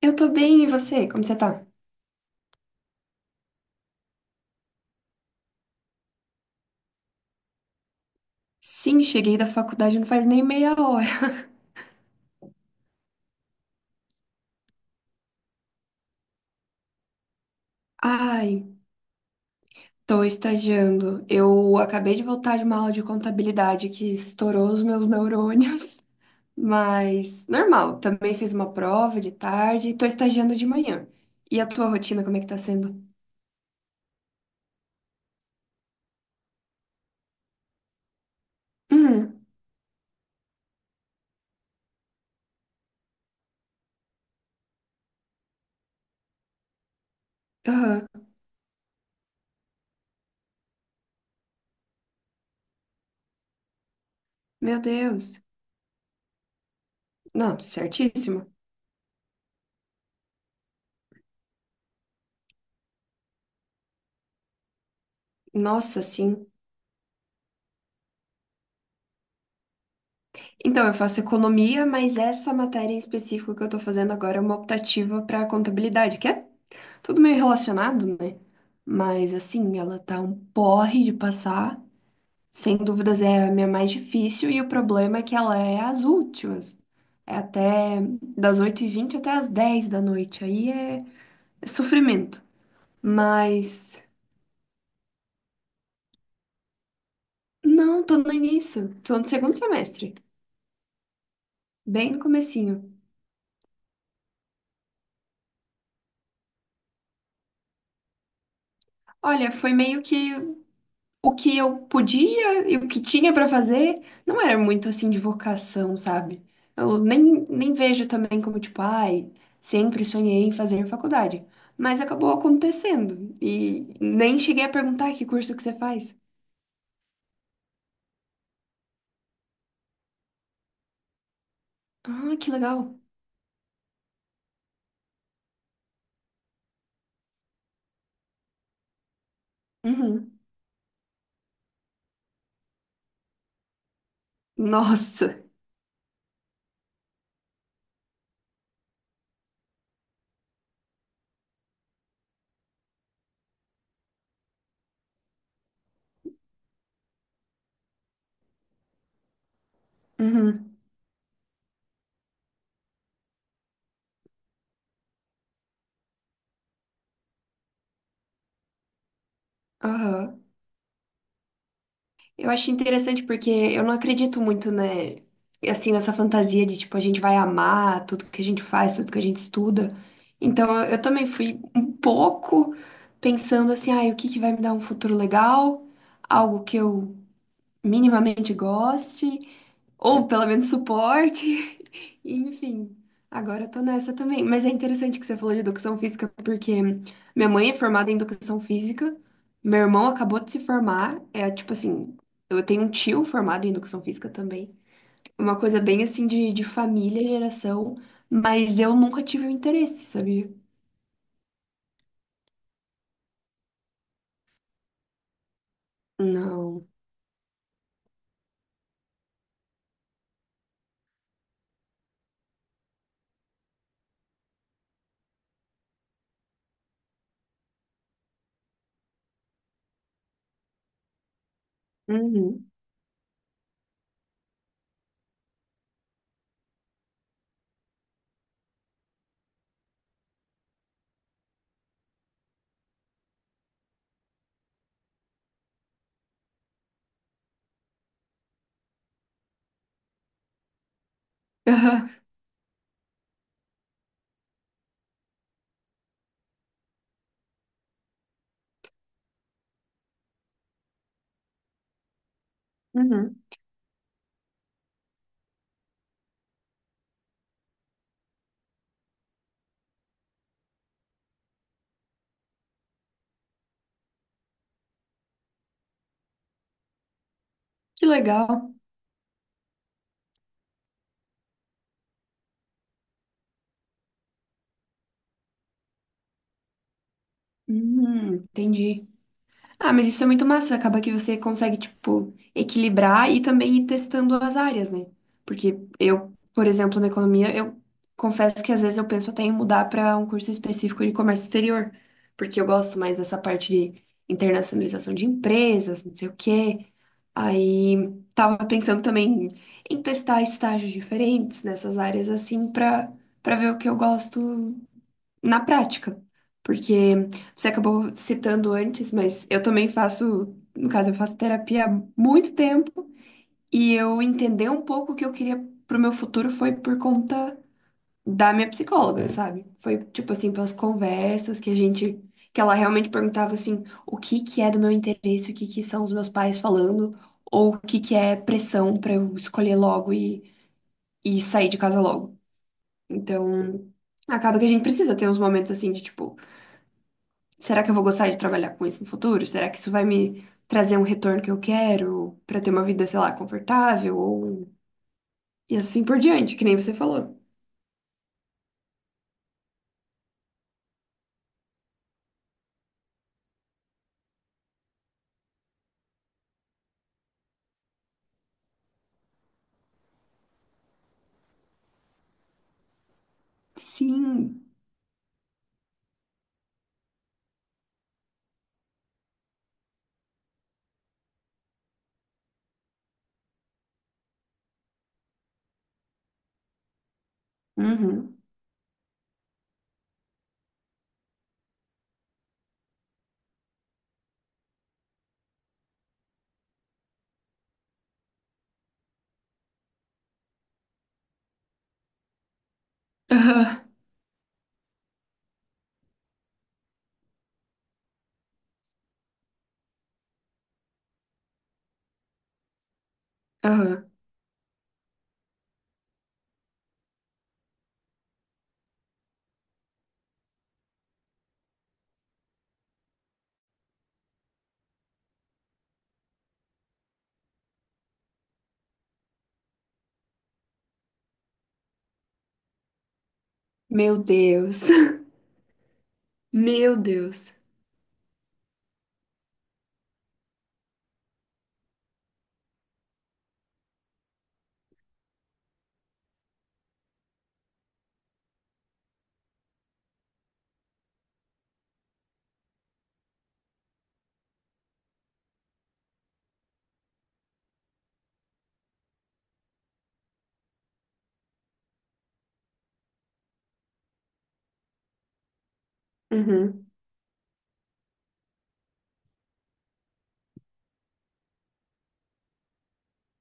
Eu tô bem, e você? Como você tá? Sim, cheguei da faculdade não faz nem meia hora. Ai, tô estagiando. Eu acabei de voltar de uma aula de contabilidade que estourou os meus neurônios. Mas normal, também fiz uma prova de tarde e tô estagiando de manhã. E a tua rotina, como é que tá sendo? Hum, aham. Meu Deus. Não, certíssimo. Nossa, sim. Então, eu faço economia, mas essa matéria em específico que eu tô fazendo agora é uma optativa pra contabilidade, que é tudo meio relacionado, né? Mas assim, ela tá um porre de passar. Sem dúvidas é a minha mais difícil e o problema é que ela é as últimas. É até das 8h20 até as 10h da noite. Aí é sofrimento. Mas não, tô no início. Tô no segundo semestre, bem no comecinho. Olha, foi meio que o que eu podia e o que tinha pra fazer não era muito assim de vocação, sabe? Eu nem vejo também como tipo, ai, sempre sonhei em fazer faculdade, mas acabou acontecendo e nem cheguei a perguntar que curso que você faz. Ah, que legal. Uhum. Nossa. Uhum. Aham. Eu acho interessante porque eu não acredito muito, né, assim, nessa fantasia de, tipo, a gente vai amar tudo que a gente faz, tudo que a gente estuda. Então, eu também fui um pouco pensando assim, ai, o que que vai me dar um futuro legal? Algo que eu minimamente goste, ou pelo menos suporte. Enfim, agora eu tô nessa também. Mas é interessante que você falou de educação física, porque minha mãe é formada em educação física, meu irmão acabou de se formar, é tipo assim, eu tenho um tio formado em educação física também. Uma coisa bem assim de família, geração, mas eu nunca tive o interesse, sabia? Não. Uhum. Uhum. Que legal. Entendi. Ah, mas isso é muito massa. Acaba que você consegue, tipo, equilibrar e também ir testando as áreas, né? Porque eu, por exemplo, na economia, eu confesso que às vezes eu penso até em mudar para um curso específico de comércio exterior, porque eu gosto mais dessa parte de internacionalização de empresas, não sei o quê. Aí tava pensando também em testar estágios diferentes nessas áreas assim para ver o que eu gosto na prática. Porque você acabou citando antes, mas eu também faço, no caso, eu faço terapia há muito tempo e eu entender um pouco o que eu queria pro meu futuro foi por conta da minha psicóloga, sabe? Foi tipo assim, pelas conversas que a gente que ela realmente perguntava assim, o que que é do meu interesse, o que que são os meus pais falando, ou o que que é pressão pra eu escolher logo e sair de casa logo. Então, acaba que a gente precisa ter uns momentos assim de tipo, será que eu vou gostar de trabalhar com isso no futuro? Será que isso vai me trazer um retorno que eu quero para ter uma vida, sei lá, confortável ou e assim por diante, que nem você falou. Sim. Uhum. Aham. Aham. Meu Deus. Meu Deus. Uhum.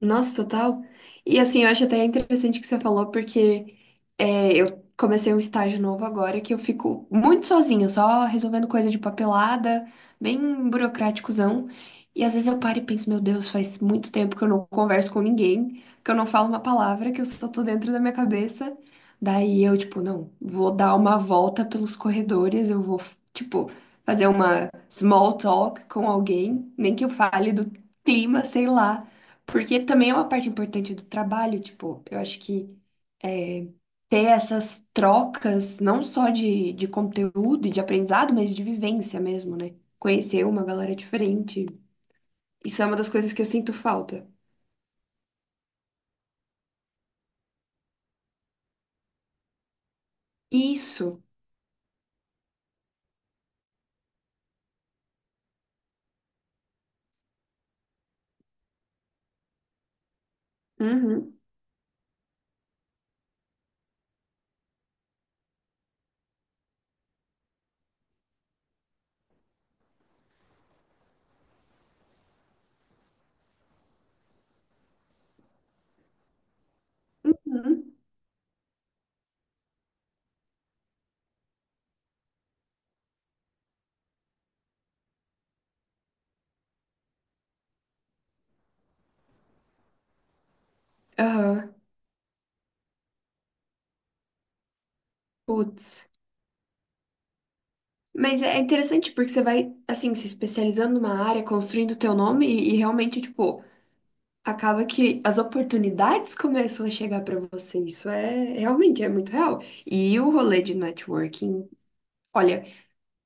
Nossa, total. E assim, eu acho até interessante que você falou, porque eu comecei um estágio novo agora que eu fico muito sozinha, só resolvendo coisa de papelada, bem burocráticozão. E às vezes eu paro e penso, meu Deus, faz muito tempo que eu não converso com ninguém, que eu não falo uma palavra, que eu só tô dentro da minha cabeça. Daí eu, tipo, não, vou dar uma volta pelos corredores, eu vou, tipo, fazer uma small talk com alguém, nem que eu fale do clima, sei lá. Porque também é uma parte importante do trabalho, tipo, eu acho que é, ter essas trocas, não só de conteúdo e de aprendizado, mas de vivência mesmo, né? Conhecer uma galera diferente. Isso é uma das coisas que eu sinto falta. Isso. Uhum. Uhum. Aham. Putz. Mas é interessante porque você vai, assim, se especializando numa área, construindo o teu nome e realmente, tipo, acaba que as oportunidades começam a chegar para você. Isso é realmente é muito real. E o rolê de networking, olha,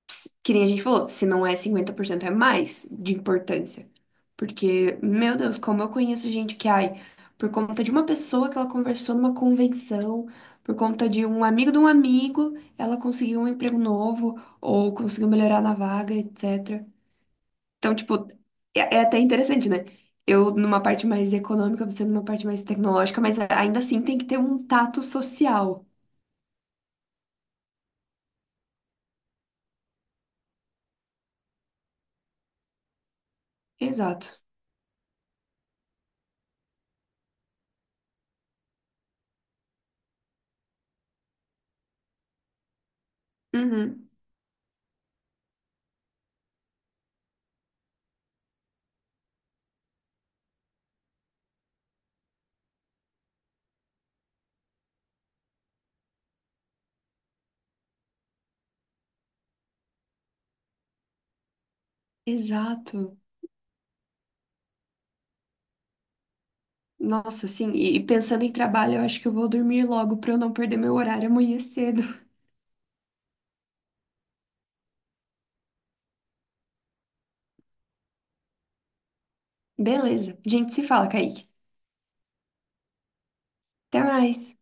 que nem a gente falou, se não é 50%, é mais de importância. Porque, meu Deus, como eu conheço gente que, ai, por conta de uma pessoa que ela conversou numa convenção, por conta de um amigo, ela conseguiu um emprego novo ou conseguiu melhorar na vaga, etc. Então, tipo, é até interessante, né? Eu numa parte mais econômica, você numa parte mais tecnológica, mas ainda assim tem que ter um tato social. Exato. Uhum. Exato. Nossa, assim, e pensando em trabalho, eu acho que eu vou dormir logo pra eu não perder meu horário amanhã cedo. Beleza. A gente se fala, Kaique. Até mais.